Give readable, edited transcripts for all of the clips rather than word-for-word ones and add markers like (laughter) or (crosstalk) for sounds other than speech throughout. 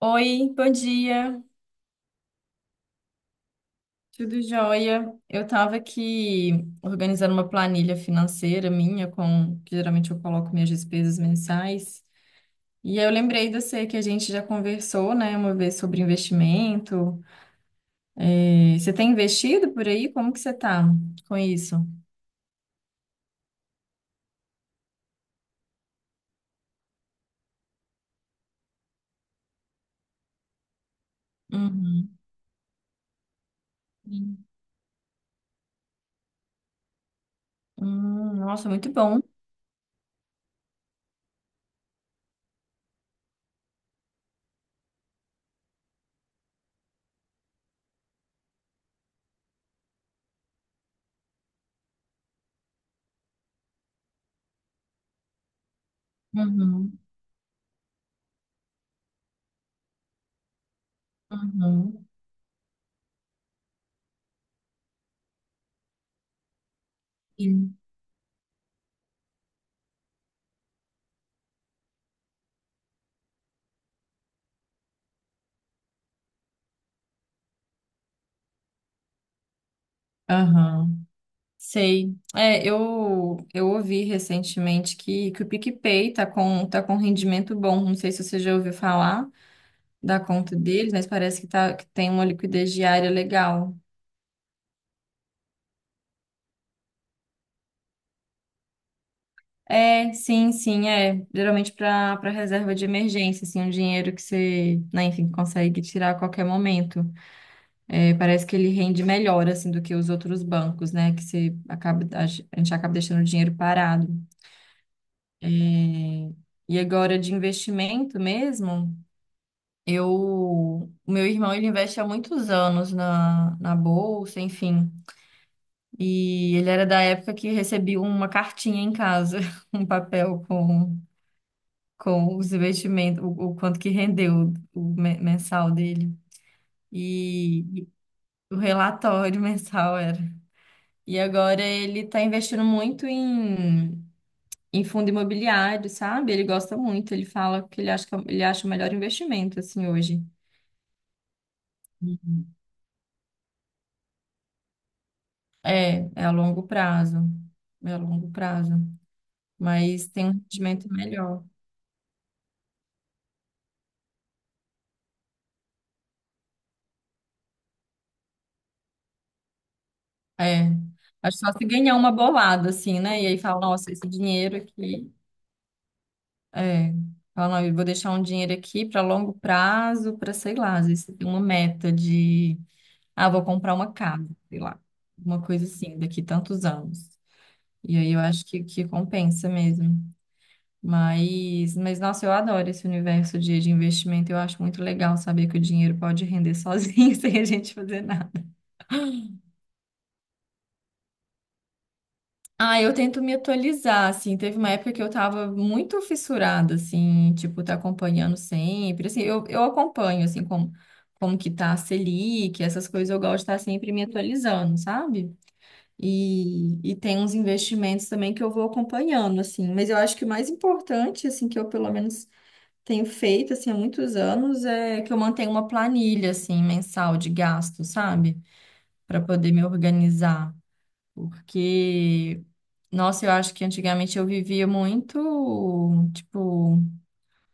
Oi, bom dia, tudo jóia? Eu estava aqui organizando uma planilha financeira minha, com que geralmente eu coloco minhas despesas mensais. E aí eu lembrei de você que a gente já conversou, né, uma vez sobre investimento. É, você tem investido por aí? Como que você tá com isso? Uhum. Nossa, muito bom. Uhum. Uhum. Sim. Aham. Sei. É, eu ouvi recentemente que o PicPay tá com, um rendimento bom. Não sei se você já ouviu falar da conta deles, mas parece que, tá, que tem uma liquidez diária legal. É, sim, sim, é. Geralmente para reserva de emergência, assim, um dinheiro que você, né, enfim, consegue tirar a qualquer momento. É, parece que ele rende melhor, assim, do que os outros bancos, né? Que você acaba, a gente acaba deixando o dinheiro parado. É, e agora de investimento mesmo. O meu irmão, ele investe há muitos anos na, bolsa, enfim. E ele era da época que recebia uma cartinha em casa, (laughs) um papel com, os investimentos, o quanto que rendeu o mensal dele. E, o relatório (laughs) mensal era. E agora ele está investindo muito em fundo imobiliário, sabe? Ele gosta muito, ele fala que ele acha que ele acha o melhor investimento, assim, hoje. É, é a longo prazo. É a longo prazo. Mas tem um rendimento melhor. É. Acho só se ganhar uma bolada, assim, né? E aí fala, nossa, esse dinheiro aqui. É. Fala, não, eu vou deixar um dinheiro aqui para longo prazo, para sei lá, às vezes você tem uma meta de, ah, vou comprar uma casa, sei lá. Uma coisa assim, daqui tantos anos. E aí eu acho que compensa mesmo. Mas, nossa, eu adoro esse universo de, investimento. Eu acho muito legal saber que o dinheiro pode render sozinho, (laughs) sem a gente fazer nada. Ah, eu tento me atualizar, assim. Teve uma época que eu tava muito fissurada, assim, tipo, tá acompanhando sempre. Assim, eu acompanho, assim, como que tá a Selic, essas coisas eu gosto de estar sempre me atualizando, sabe? E tem uns investimentos também que eu vou acompanhando, assim. Mas eu acho que o mais importante, assim, que eu pelo menos tenho feito, assim, há muitos anos, é que eu mantenho uma planilha, assim, mensal de gasto, sabe? Para poder me organizar. Porque, nossa, eu acho que antigamente eu vivia muito, tipo,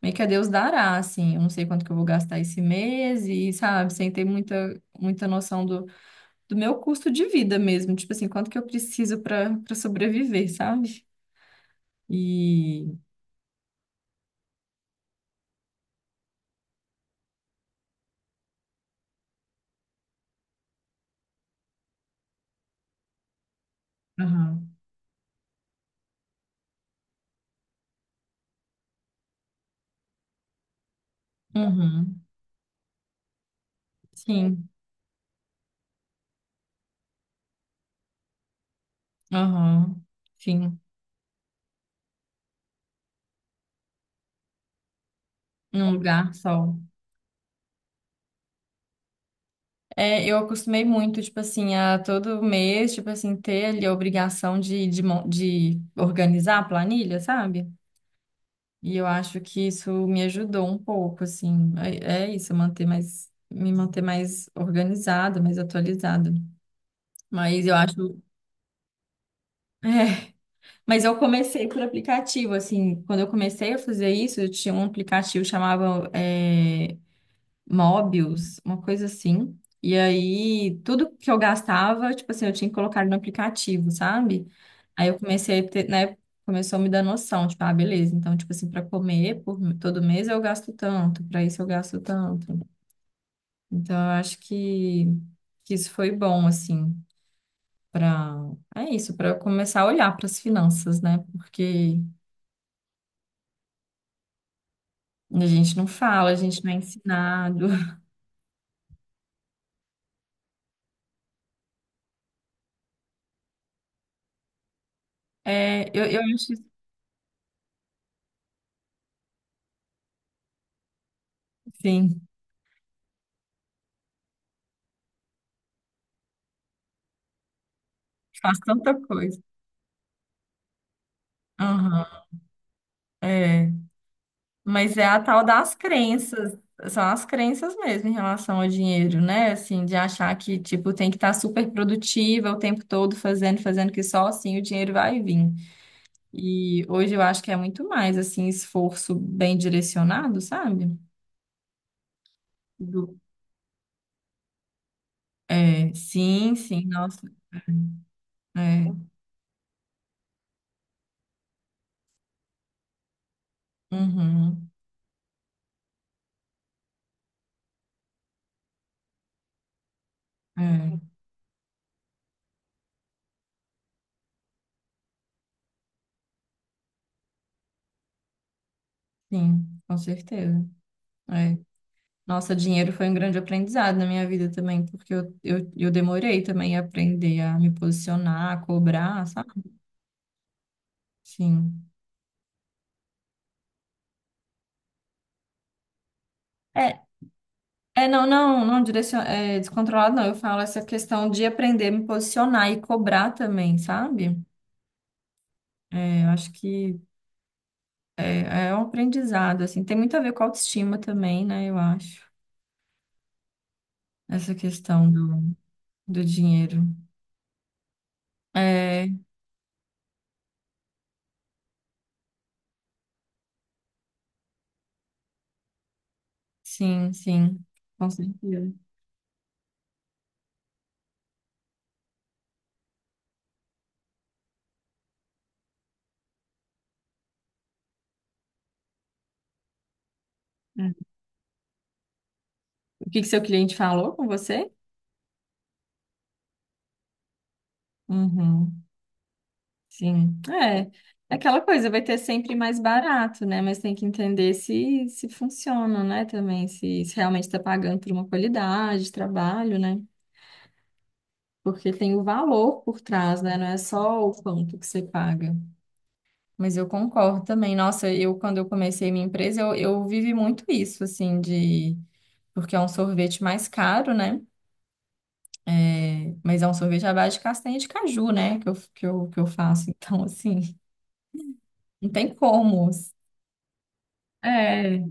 meio que a Deus dará, assim. Eu não sei quanto que eu vou gastar esse mês e, sabe, sem ter muita, muita noção do, meu custo de vida mesmo. Tipo assim, quanto que eu preciso para sobreviver, sabe? E. Aham. Uhum. Sim. Aham. Sim. Num lugar só. É, eu acostumei muito, tipo assim, a todo mês, tipo assim, ter ali a obrigação de organizar a planilha, sabe? E eu acho que isso me ajudou um pouco, assim. É, é isso, manter mais, me manter mais organizada, mais atualizada. Mas eu acho. (laughs) É, mas eu comecei por aplicativo, assim. Quando eu comecei a fazer isso, eu tinha um aplicativo que chamava Mobius, uma coisa assim. E aí, tudo que eu gastava, tipo assim, eu tinha que colocar no aplicativo, sabe? Aí eu comecei a ter, né, começou a me dar noção, tipo, ah, beleza, então, tipo assim, para comer por todo mês eu gasto tanto, para isso eu gasto tanto. Então, eu acho que isso foi bom, assim, para, é isso, para eu começar a olhar para as finanças, né? Porque a gente não fala, a gente não é ensinado. (laughs) É, eu acho, assim, faz tanta coisa. É, mas é a tal das crenças, são as crenças mesmo em relação ao dinheiro, né? Assim, de achar que, tipo, tem que estar super produtiva o tempo todo fazendo, fazendo, que só assim o dinheiro vai vir. E hoje eu acho que é muito mais, assim, esforço bem direcionado, sabe? Do- É, sim, sim, nossa. É, é, uhum, é, sim, com certeza. É. Nossa, dinheiro foi um grande aprendizado na minha vida também, porque eu demorei também a aprender a me posicionar, a cobrar, sabe? Sim. É, é não, não, não descontrolado, não. Eu falo essa questão de aprender a me posicionar e cobrar também, sabe? É, eu acho que é um aprendizado, assim. Tem muito a ver com a autoestima também, né? Eu acho. Essa questão do dinheiro. É, sim, sim. Com certeza. É. O que que seu cliente falou com você? Uhum. Sim, é. É aquela coisa, vai ter sempre mais barato, né? Mas tem que entender se funciona, né? Também, se realmente está pagando por uma qualidade de trabalho, né? Porque tem o valor por trás, né? Não é só o quanto que você paga. Mas eu concordo também. Nossa, quando eu comecei minha empresa, eu vivi muito isso, assim, de. Porque é um sorvete mais caro, né? É, mas é um sorvete à base de castanha de caju, né? Que eu faço. (laughs) Então, assim, não tem como. É,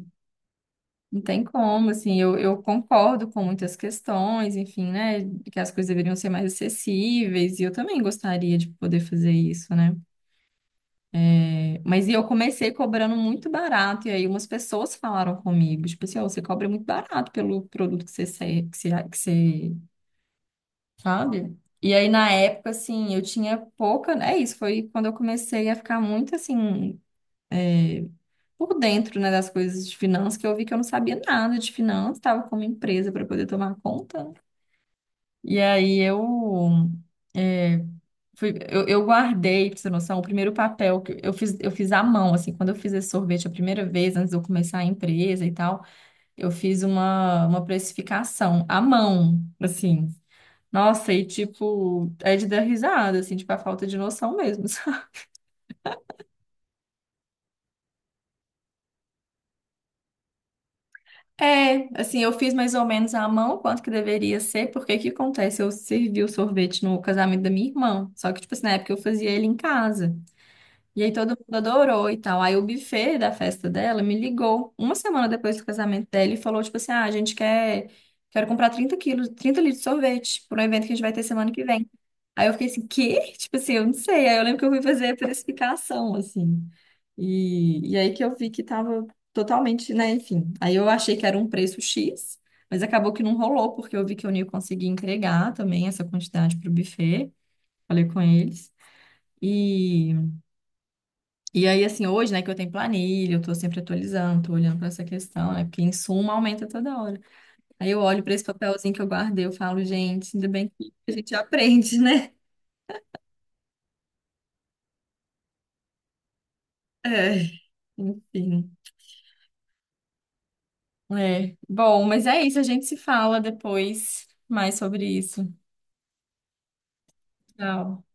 não tem como, assim, eu concordo com muitas questões, enfim, né, que as coisas deveriam ser mais acessíveis, e eu também gostaria de poder fazer isso, né? É, mas e eu comecei cobrando muito barato, e aí umas pessoas falaram comigo, tipo assim, ó, você cobra muito barato pelo produto que você, se- que você, sabe? E aí, na época, assim, eu tinha pouca, é isso, foi quando eu comecei a ficar muito, assim, por dentro, né, das coisas de finanças, que eu vi que eu não sabia nada de finanças, estava com uma empresa para poder tomar conta, né? E aí eu, é, fui- eu guardei, pra você ter noção, o primeiro papel que eu fiz à mão, assim, quando eu fiz esse sorvete a primeira vez, antes de eu começar a empresa e tal, eu fiz uma, precificação à mão, assim. Nossa, e tipo, é de dar risada, assim, tipo, a falta de noção mesmo. (laughs) É, assim, eu fiz mais ou menos à mão quanto que deveria ser, porque o que acontece? Eu servi o sorvete no casamento da minha irmã, só que, tipo assim, na época eu fazia ele em casa. E aí todo mundo adorou e tal. Aí o buffet da festa dela me ligou uma semana depois do casamento dela e falou, tipo assim, ah, quero comprar 30 quilos, 30 litros de sorvete para um evento que a gente vai ter semana que vem. Aí eu fiquei assim, quê? (laughs) Tipo assim, eu não sei. Aí eu lembro que eu fui fazer a precificação, assim. E aí que eu vi que tava totalmente, né, enfim. Aí eu achei que era um preço X, mas acabou que não rolou, porque eu vi que eu não ia conseguir entregar também essa quantidade pro buffet. Falei com eles. E... E aí, assim, hoje, né, que eu tenho planilha, eu tô sempre atualizando, tô olhando pra essa questão, né, porque insumo aumenta toda hora. Aí eu olho pra esse papelzinho que eu guardei, eu falo, gente, ainda bem que a gente aprende, né? (laughs) É, enfim. É. Bom, mas é isso, a gente se fala depois mais sobre isso. Tchau.